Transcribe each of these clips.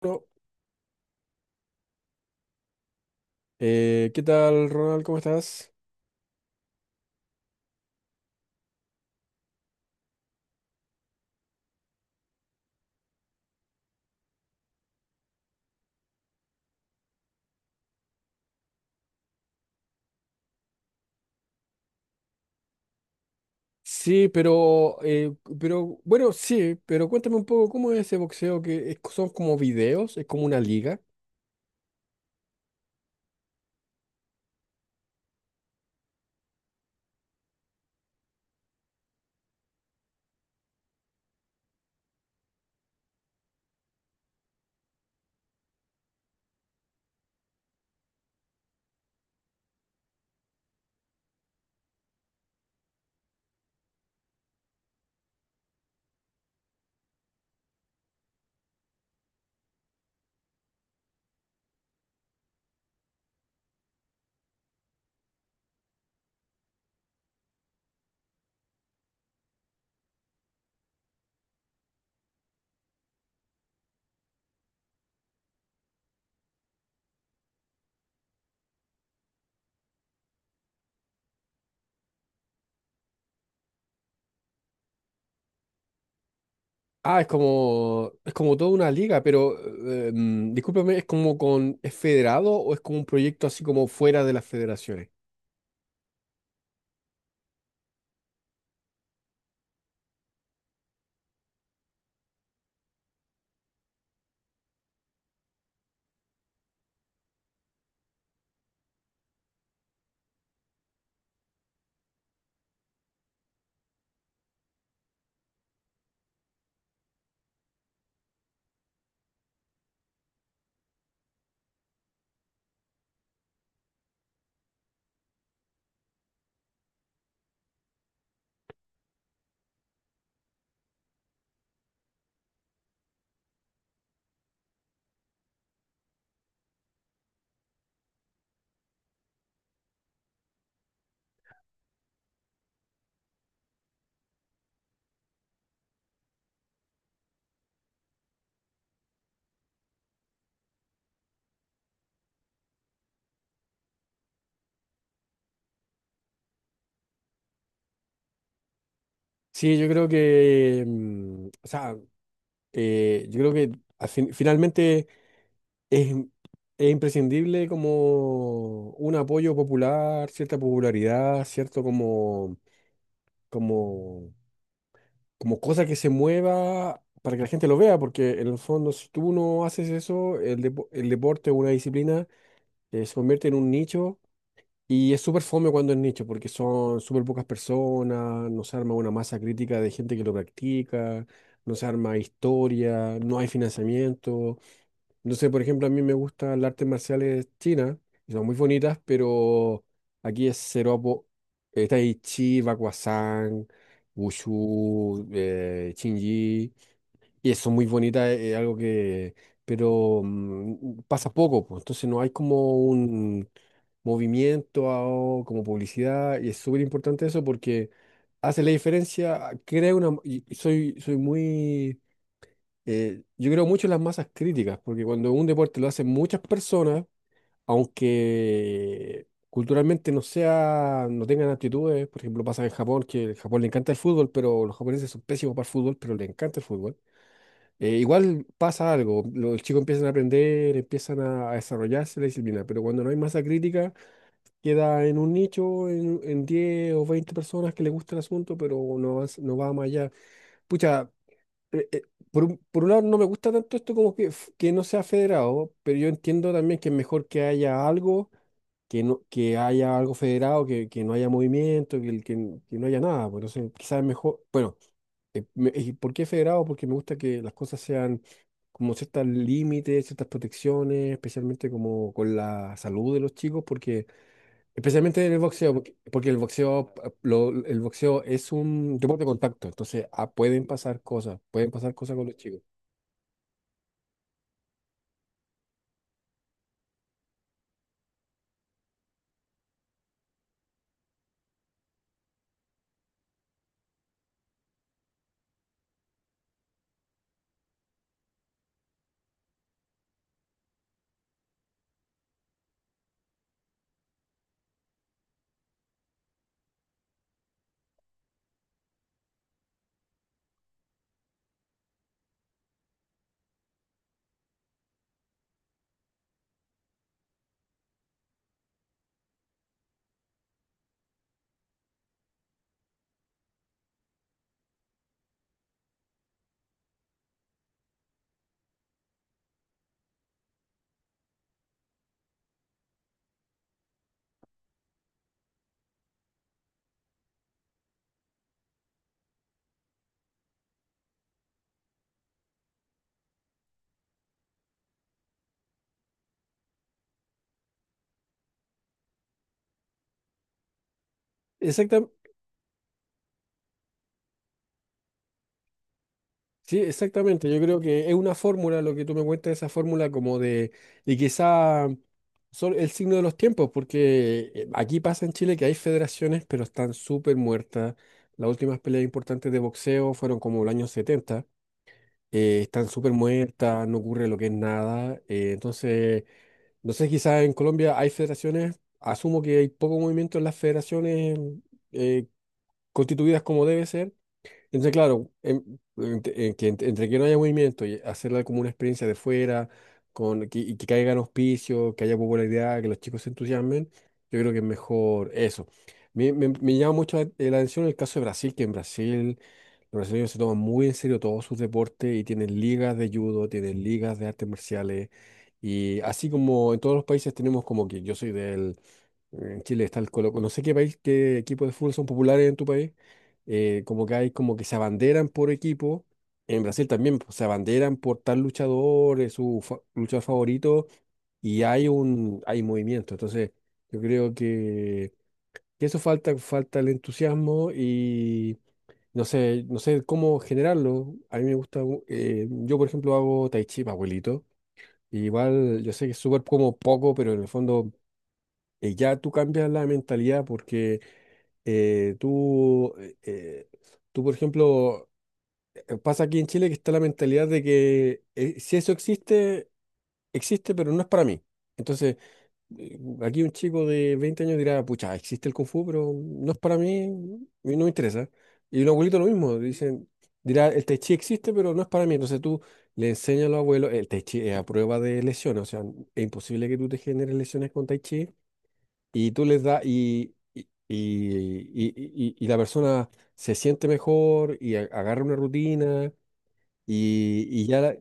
Bueno, ¿qué tal, Ronald? ¿Cómo estás? Sí, pero bueno, sí, pero cuéntame un poco cómo es ese boxeo que es- son como videos, es como una liga. Ah, es como toda una liga, pero discúlpame, ¿es como con, es federado o es como un proyecto así como fuera de las federaciones? Sí, yo creo que, o sea, yo creo que al fin- finalmente Es, es imprescindible como un apoyo popular, cierta popularidad, cierto como, como cosa que se mueva para que la gente lo vea, porque en el fondo si tú no haces eso, el deporte o una disciplina se convierte en un nicho y es súper fome cuando es nicho, porque son súper pocas personas, no se arma una masa crítica de gente que lo practica, no se arma historia, no hay financiamiento. No sé, por ejemplo, a mí me gustan las artes marciales chinas, y son muy bonitas, pero aquí es cero apo. Tai Chi, Bakuazan, Wushu, Qin Yi, y eso muy bonita, es algo que. Pero pasa poco, pues, entonces no hay como un movimiento a- o como publicidad, y es súper importante eso porque hace la diferencia, crea una. Y soy muy yo creo mucho en las masas críticas, porque cuando un deporte lo hacen muchas personas, aunque culturalmente no sea, no tengan aptitudes, por ejemplo, pasa en Japón, que en Japón le encanta el fútbol, pero los japoneses son pésimos para el fútbol, pero le encanta el fútbol. Igual pasa algo, los chicos empiezan a aprender, empiezan a desarrollarse la disciplina, pero cuando no hay masa crítica, queda en un nicho, en 10 o 20 personas que le gusta el asunto, pero no, va no va más allá. Pucha, eh, eh, por un lado no me gusta tanto esto como que, que no sea federado, pero yo entiendo también que es mejor que haya algo, que no, que haya algo federado, que no haya movimiento, que, el- que no haya nada. Pues, entonces, quizás es mejor, bueno, ¿y por qué federado? Porque me gusta que las cosas sean como ciertos límites, ciertas protecciones, especialmente como con la salud de los chicos, porque especialmente en el boxeo, porque el boxeo, el boxeo es un deporte de contacto, entonces ah, pueden pasar cosas con los chicos. Sí, exactamente. Yo creo que es una fórmula, lo que tú me cuentas, esa fórmula como de, y quizá son el signo de los tiempos, porque aquí pasa en Chile que hay federaciones, pero están súper muertas. Las últimas peleas importantes de boxeo fueron como el año 70. Están súper muertas, no ocurre lo que es nada. Entonces, no sé, quizás en Colombia hay federaciones, asumo que hay poco movimiento en las federaciones eh, constituidas como debe ser. Entonces, claro, en que entre que no haya movimiento y hacerla como una experiencia de fuera, con, que, y que caigan auspicios, que haya popularidad, que los chicos se entusiasmen, yo creo que es mejor eso. Me llama mucho la, la atención el caso de Brasil, que en Brasil los brasileños se toman muy en serio todos sus deportes y tienen ligas de judo, tienen ligas de artes marciales. Y así como en todos los países tenemos como que yo soy del en Chile está el Colo. No sé qué país, qué equipos de fútbol son populares en tu país. Como que hay como que se abanderan por equipo. En Brasil también pues, se abanderan por tal luchador, es su luchador favorito, y hay un hay movimiento. Entonces, yo creo que eso falta, falta el entusiasmo y no sé, no sé cómo generarlo. A mí me gusta, yo por ejemplo hago tai chi, pa' abuelito. Igual yo sé que es súper como poco, pero en el fondo ya tú cambias la mentalidad porque eh, tú, eh, eh, tú, por ejemplo, pasa aquí en Chile que está la mentalidad de que si eso existe, existe, pero no es para mí. Entonces, aquí un chico de 20 años dirá, pucha, existe el Kung Fu, pero no es para mí y no me interesa. Y un abuelito lo mismo, dirá, el Tai Chi existe, pero no es para mí. Entonces tú le enseñas a los abuelos, el Tai Chi es a prueba de lesiones, o sea, es imposible que tú te generes lesiones con Tai Chi y tú les das y la persona se siente mejor y agarra una rutina y ya la-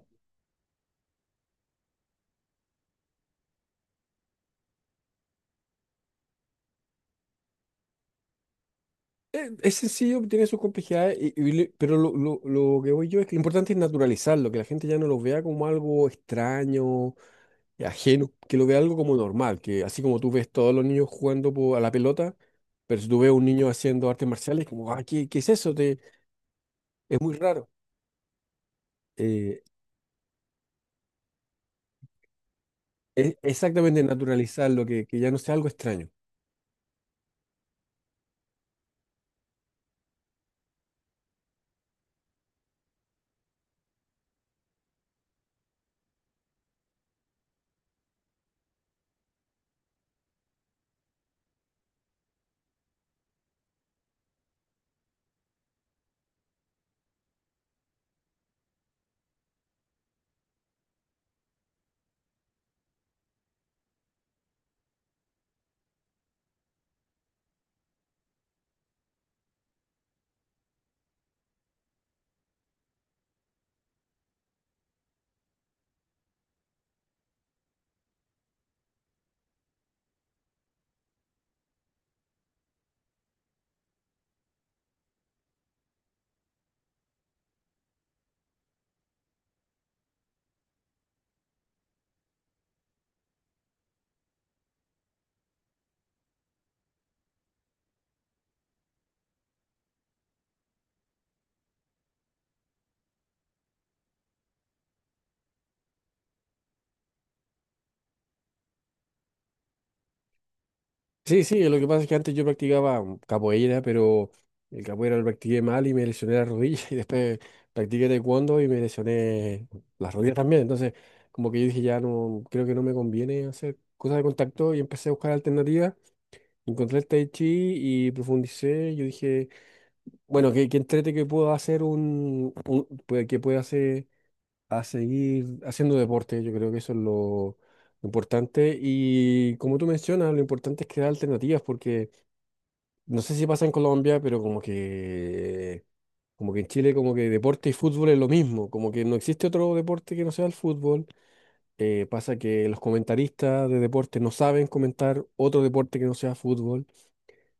es sencillo, tiene sus complejidades, pero lo que voy yo es que lo importante es naturalizarlo, que la gente ya no lo vea como algo extraño, ajeno, que lo vea algo como normal, que así como tú ves todos los niños jugando a la pelota, pero si tú ves un niño haciendo artes marciales, como, ah, ¿qué es eso? Es muy raro. Eh, es exactamente naturalizarlo, que ya no sea algo extraño. Sí, sí, lo que pasa es que antes yo practicaba capoeira, pero el capoeira lo practiqué mal y me lesioné la rodilla y después practiqué taekwondo y me lesioné las rodillas también. Entonces, como que yo dije, ya no, creo que no me conviene hacer cosas de contacto y empecé a buscar alternativas. Encontré el tai chi y profundicé. Yo dije, bueno, que entrete que puedo hacer pues, que pueda hacer a seguir haciendo deporte. Yo creo que eso es lo importante. Y como tú mencionas, lo importante es crear alternativas porque no sé si pasa en Colombia, pero como que en Chile, como que deporte y fútbol es lo mismo, como que no existe otro deporte que no sea el fútbol. Pasa que los comentaristas de deporte no saben comentar otro deporte que no sea fútbol.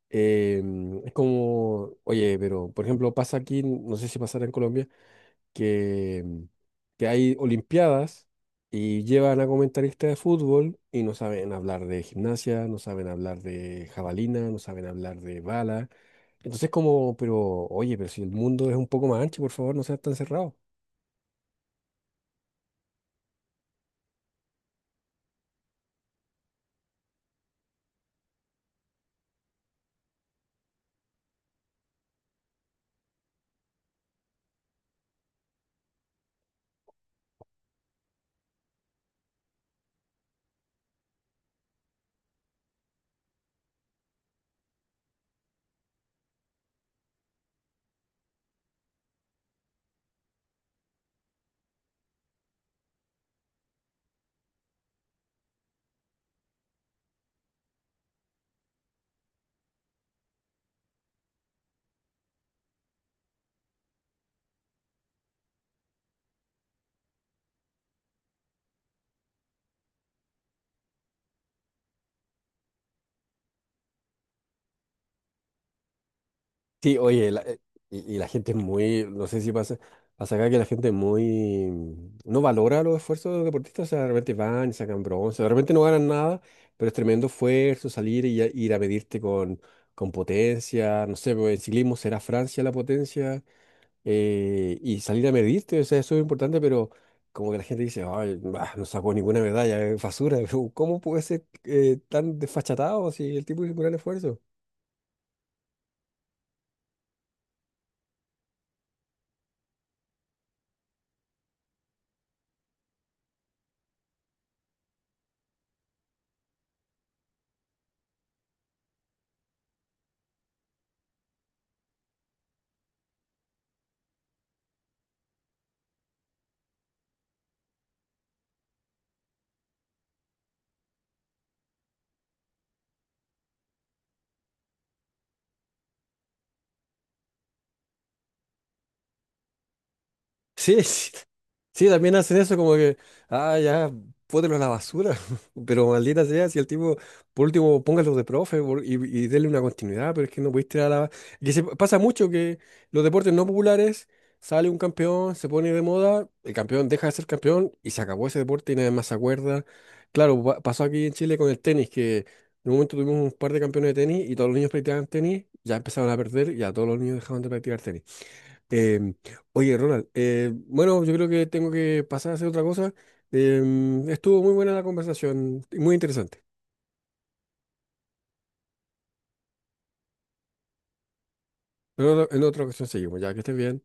Es como, oye, pero por ejemplo pasa aquí, no sé si pasará en Colombia, que, que hay olimpiadas y llevan a comentaristas de fútbol y no saben hablar de gimnasia, no saben hablar de jabalina, no saben hablar de bala. Entonces como, pero oye, pero si el mundo es un poco más ancho, por favor, no seas tan cerrado. Sí, oye, y la gente es muy, no sé si pasa acá que la gente es muy, no valora los esfuerzos de los deportistas, o sea, de repente van y sacan bronce, de repente no ganan nada, pero es tremendo esfuerzo salir y ir a medirte con potencia, no sé, pues, en ciclismo será Francia la potencia, y salir a medirte, o sea, eso es importante, pero como que la gente dice, ay, bah, no sacó ninguna medalla, es basura, pero ¿cómo puede ser tan desfachatado si el tipo hizo un gran esfuerzo? Sí, sí, sí, también hacen eso como que, ah, ya, pótelo a la basura, pero maldita sea, si el tipo, por último, póngalo de profe y dele una continuidad, pero es que no pudiste tirar a la... Que se, pasa mucho que los deportes no populares, sale un campeón, se pone de moda, el campeón deja de ser campeón y se acabó ese deporte y nadie más se acuerda. Claro, pasó aquí en Chile con el tenis, que en un momento tuvimos un par de campeones de tenis y todos los niños practicaban tenis, ya empezaron a perder y ya todos los niños dejaban de practicar tenis. Em, Oye, Ronald, bueno, yo creo que tengo que pasar a hacer otra cosa. Estuvo muy buena la conversación, muy interesante. Pero en otra ocasión seguimos, ya que estés bien.